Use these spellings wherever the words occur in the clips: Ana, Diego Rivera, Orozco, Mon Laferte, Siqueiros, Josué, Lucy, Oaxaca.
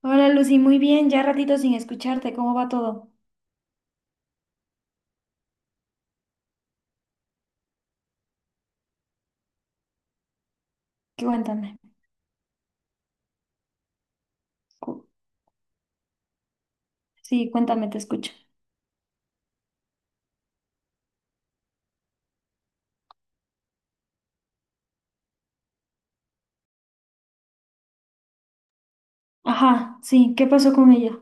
Hola Lucy, muy bien, ya ratito sin escucharte, ¿cómo va todo? Cuéntame. Cu- Sí, cuéntame, te escucho. Ajá, sí, ¿qué pasó con ella?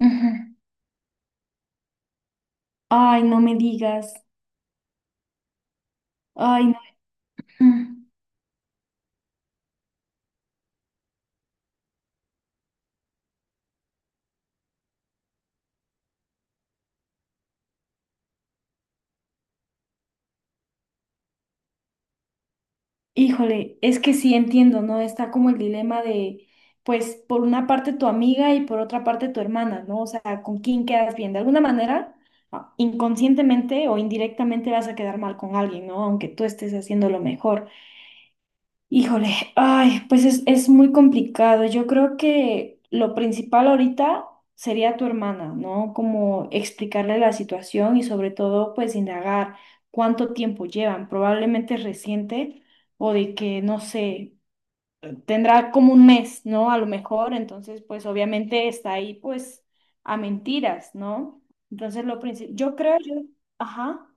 Ujú. Ay, no me digas. Ay, no. Mm. Híjole, es que sí entiendo, ¿no? Está como el dilema de, pues, por una parte tu amiga y por otra parte tu hermana, ¿no? O sea, ¿con quién quedas bien? De alguna manera, ah, inconscientemente o indirectamente vas a quedar mal con alguien, ¿no? Aunque tú estés haciendo lo mejor. Híjole, ay, pues es muy complicado. Yo creo que lo principal ahorita sería tu hermana, ¿no? Como explicarle la situación y sobre todo, pues indagar cuánto tiempo llevan. Probablemente es reciente o de que, no sé, tendrá como un mes, ¿no? A lo mejor, entonces, pues obviamente está ahí, pues, a mentiras, ¿no? Entonces, lo principal, yo creo, yo, ajá.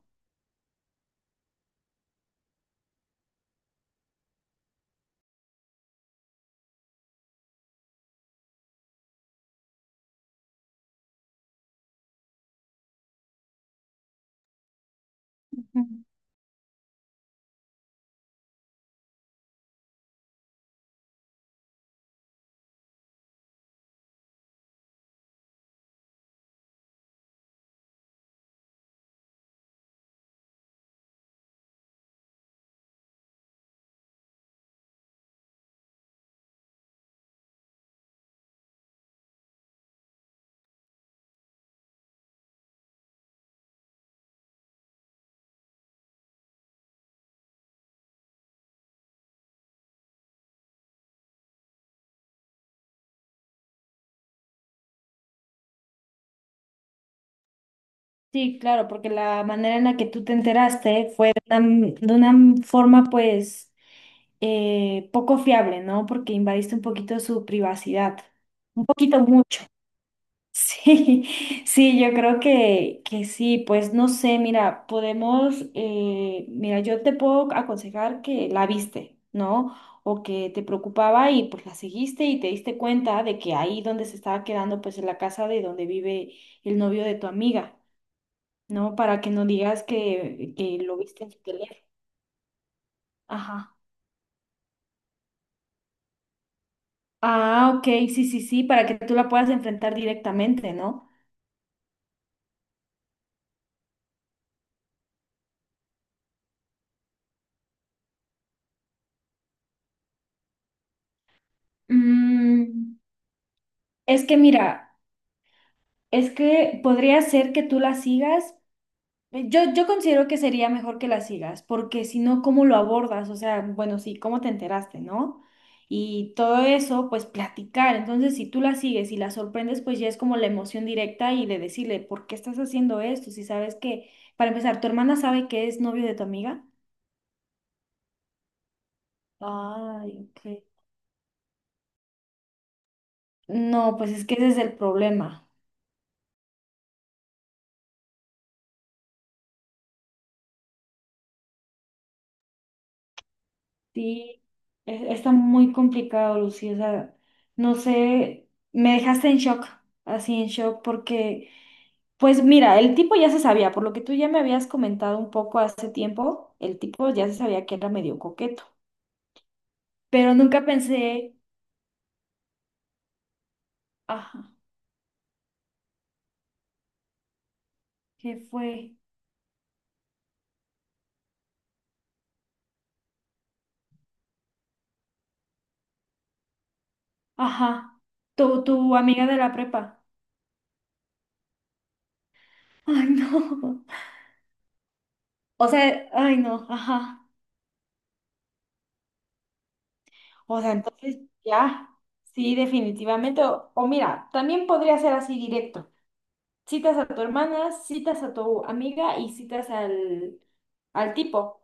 Sí, claro, porque la manera en la que tú te enteraste fue de una forma pues poco fiable, ¿no? Porque invadiste un poquito su privacidad, un poquito mucho. Sí, sí, yo creo que sí, pues no sé, mira, podemos, mira, yo te puedo aconsejar que la viste, ¿no? O que te preocupaba y pues la seguiste y te diste cuenta de que ahí donde se estaba quedando pues en la casa de donde vive el novio de tu amiga, ¿no? Para que no digas que lo viste en su teléfono. Ajá. Ah, ok, sí, sí, sí, para que tú la puedas enfrentar directamente, ¿no? Mm, es que mira, es que podría ser que tú la sigas. Yo considero que sería mejor que la sigas, porque si no, ¿cómo lo abordas? O sea, bueno, sí, ¿cómo te enteraste, no? Y todo eso, pues platicar. Entonces, si tú la sigues y la sorprendes, pues ya es como la emoción directa y de decirle, ¿por qué estás haciendo esto? Si sabes que, para empezar, ¿tu hermana sabe que es novio de tu amiga? Ay, ok. No, pues es que ese es el problema. Sí, está muy complicado, Lucy. O sea, no sé, me dejaste en shock, así en shock, porque, pues mira, el tipo ya se sabía, por lo que tú ya me habías comentado un poco hace tiempo, el tipo ya se sabía que era medio coqueto, pero nunca pensé, ajá, ¿qué fue? Ajá, tu amiga de la prepa. Ay, no. O sea, ay, no, ajá. O sea, entonces ya, sí, definitivamente. O, mira, también podría ser así directo. Citas a tu hermana, citas a tu amiga y citas al tipo.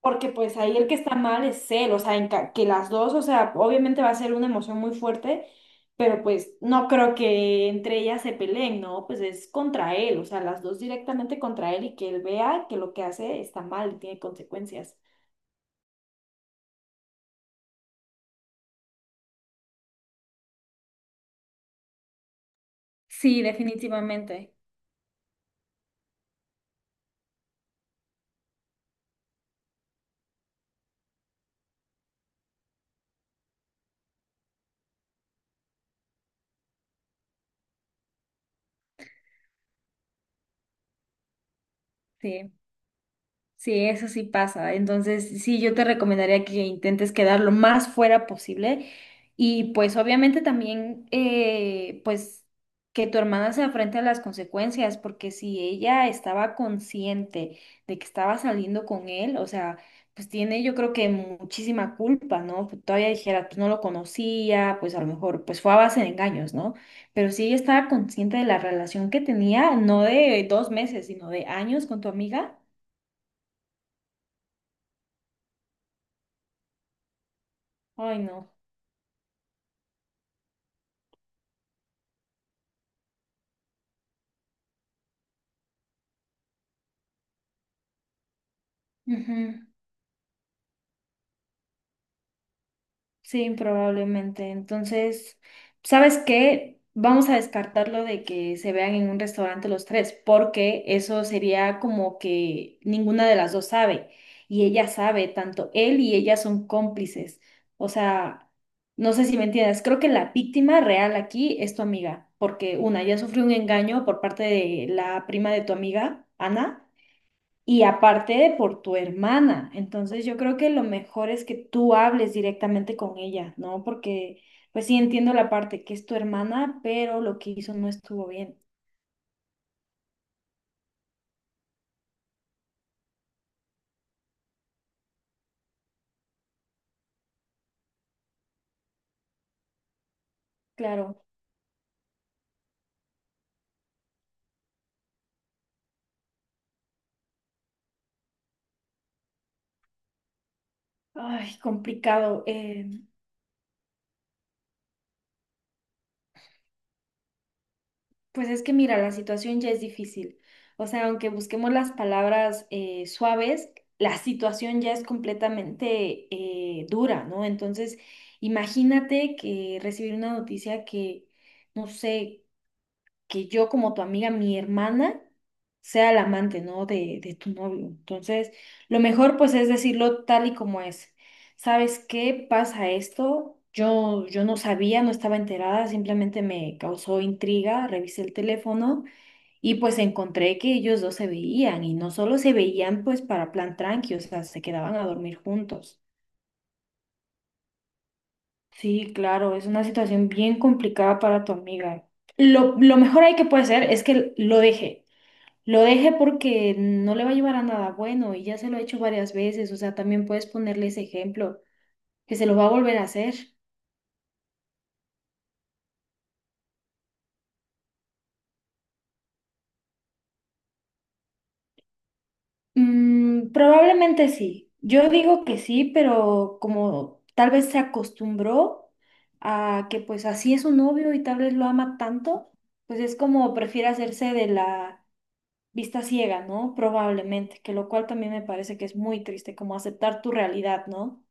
Porque pues ahí el que está mal es él, o sea, que las dos, o sea, obviamente va a ser una emoción muy fuerte, pero pues no creo que entre ellas se peleen, ¿no? Pues es contra él, o sea, las dos directamente contra él y que él vea que lo que hace está mal y tiene consecuencias. Sí, definitivamente. Sí. Sí, eso sí pasa. Entonces, sí, yo te recomendaría que intentes quedar lo más fuera posible y pues obviamente también, pues que tu hermana se afrente a las consecuencias, porque si ella estaba consciente de que estaba saliendo con él, o sea, pues tiene yo creo que muchísima culpa, ¿no? Pues, todavía dijera, pues no lo conocía, pues a lo mejor, pues fue a base de engaños, ¿no? Pero si ella estaba consciente de la relación que tenía, no de dos meses, sino de años con tu amiga, ay no. Ujú, sí, probablemente. Entonces, ¿sabes qué? Vamos a descartarlo de que se vean en un restaurante los tres, porque eso sería como que ninguna de las dos sabe. Y ella sabe, tanto él y ella son cómplices. O sea, no sé si me entiendes. Creo que la víctima real aquí es tu amiga, porque una, ya sufrió un engaño por parte de la prima de tu amiga, Ana. Y aparte de por tu hermana, entonces yo creo que lo mejor es que tú hables directamente con ella, ¿no? Porque, pues sí entiendo la parte que es tu hermana, pero lo que hizo no estuvo bien. Claro, ay, complicado. Pues es que mira, la situación ya es difícil. O sea, aunque busquemos las palabras suaves, la situación ya es completamente dura, ¿no? Entonces, imagínate que recibir una noticia que no sé, que yo como tu amiga, mi hermana, sea la amante, ¿no? De tu novio. Entonces, lo mejor pues es decirlo tal y como es. ¿Sabes qué pasa esto? Yo no sabía, no estaba enterada, simplemente me causó intriga, revisé el teléfono y pues encontré que ellos dos se veían y no solo se veían pues para plan tranqui, o sea, se quedaban a dormir juntos. Sí, claro, es una situación bien complicada para tu amiga. Lo mejor ahí que puede hacer es que lo deje. Lo deje porque no le va a llevar a nada bueno y ya se lo he hecho varias veces, o sea, también puedes ponerle ese ejemplo, que se lo va a volver a hacer. Mm, probablemente sí. Yo digo que sí, pero como tal vez se acostumbró a que pues así es su novio y tal vez lo ama tanto, pues es como prefiere hacerse de la vista ciega, ¿no? Probablemente, que lo cual también me parece que es muy triste, como aceptar tu realidad, ¿no?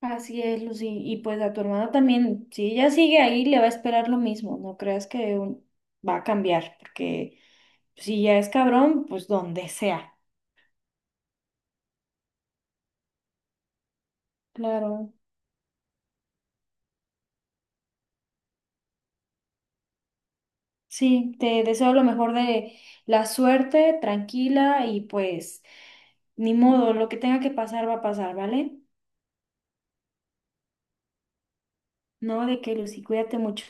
Así es, Lucy. Y pues a tu hermana también, si ella sigue ahí, le va a esperar lo mismo. No creas que va a cambiar, porque si ya es cabrón, pues donde sea. Claro. Sí, te deseo lo mejor de la suerte, tranquila y pues ni modo, lo que tenga que pasar va a pasar, ¿vale? No, de que Lucy, cuídate mucho.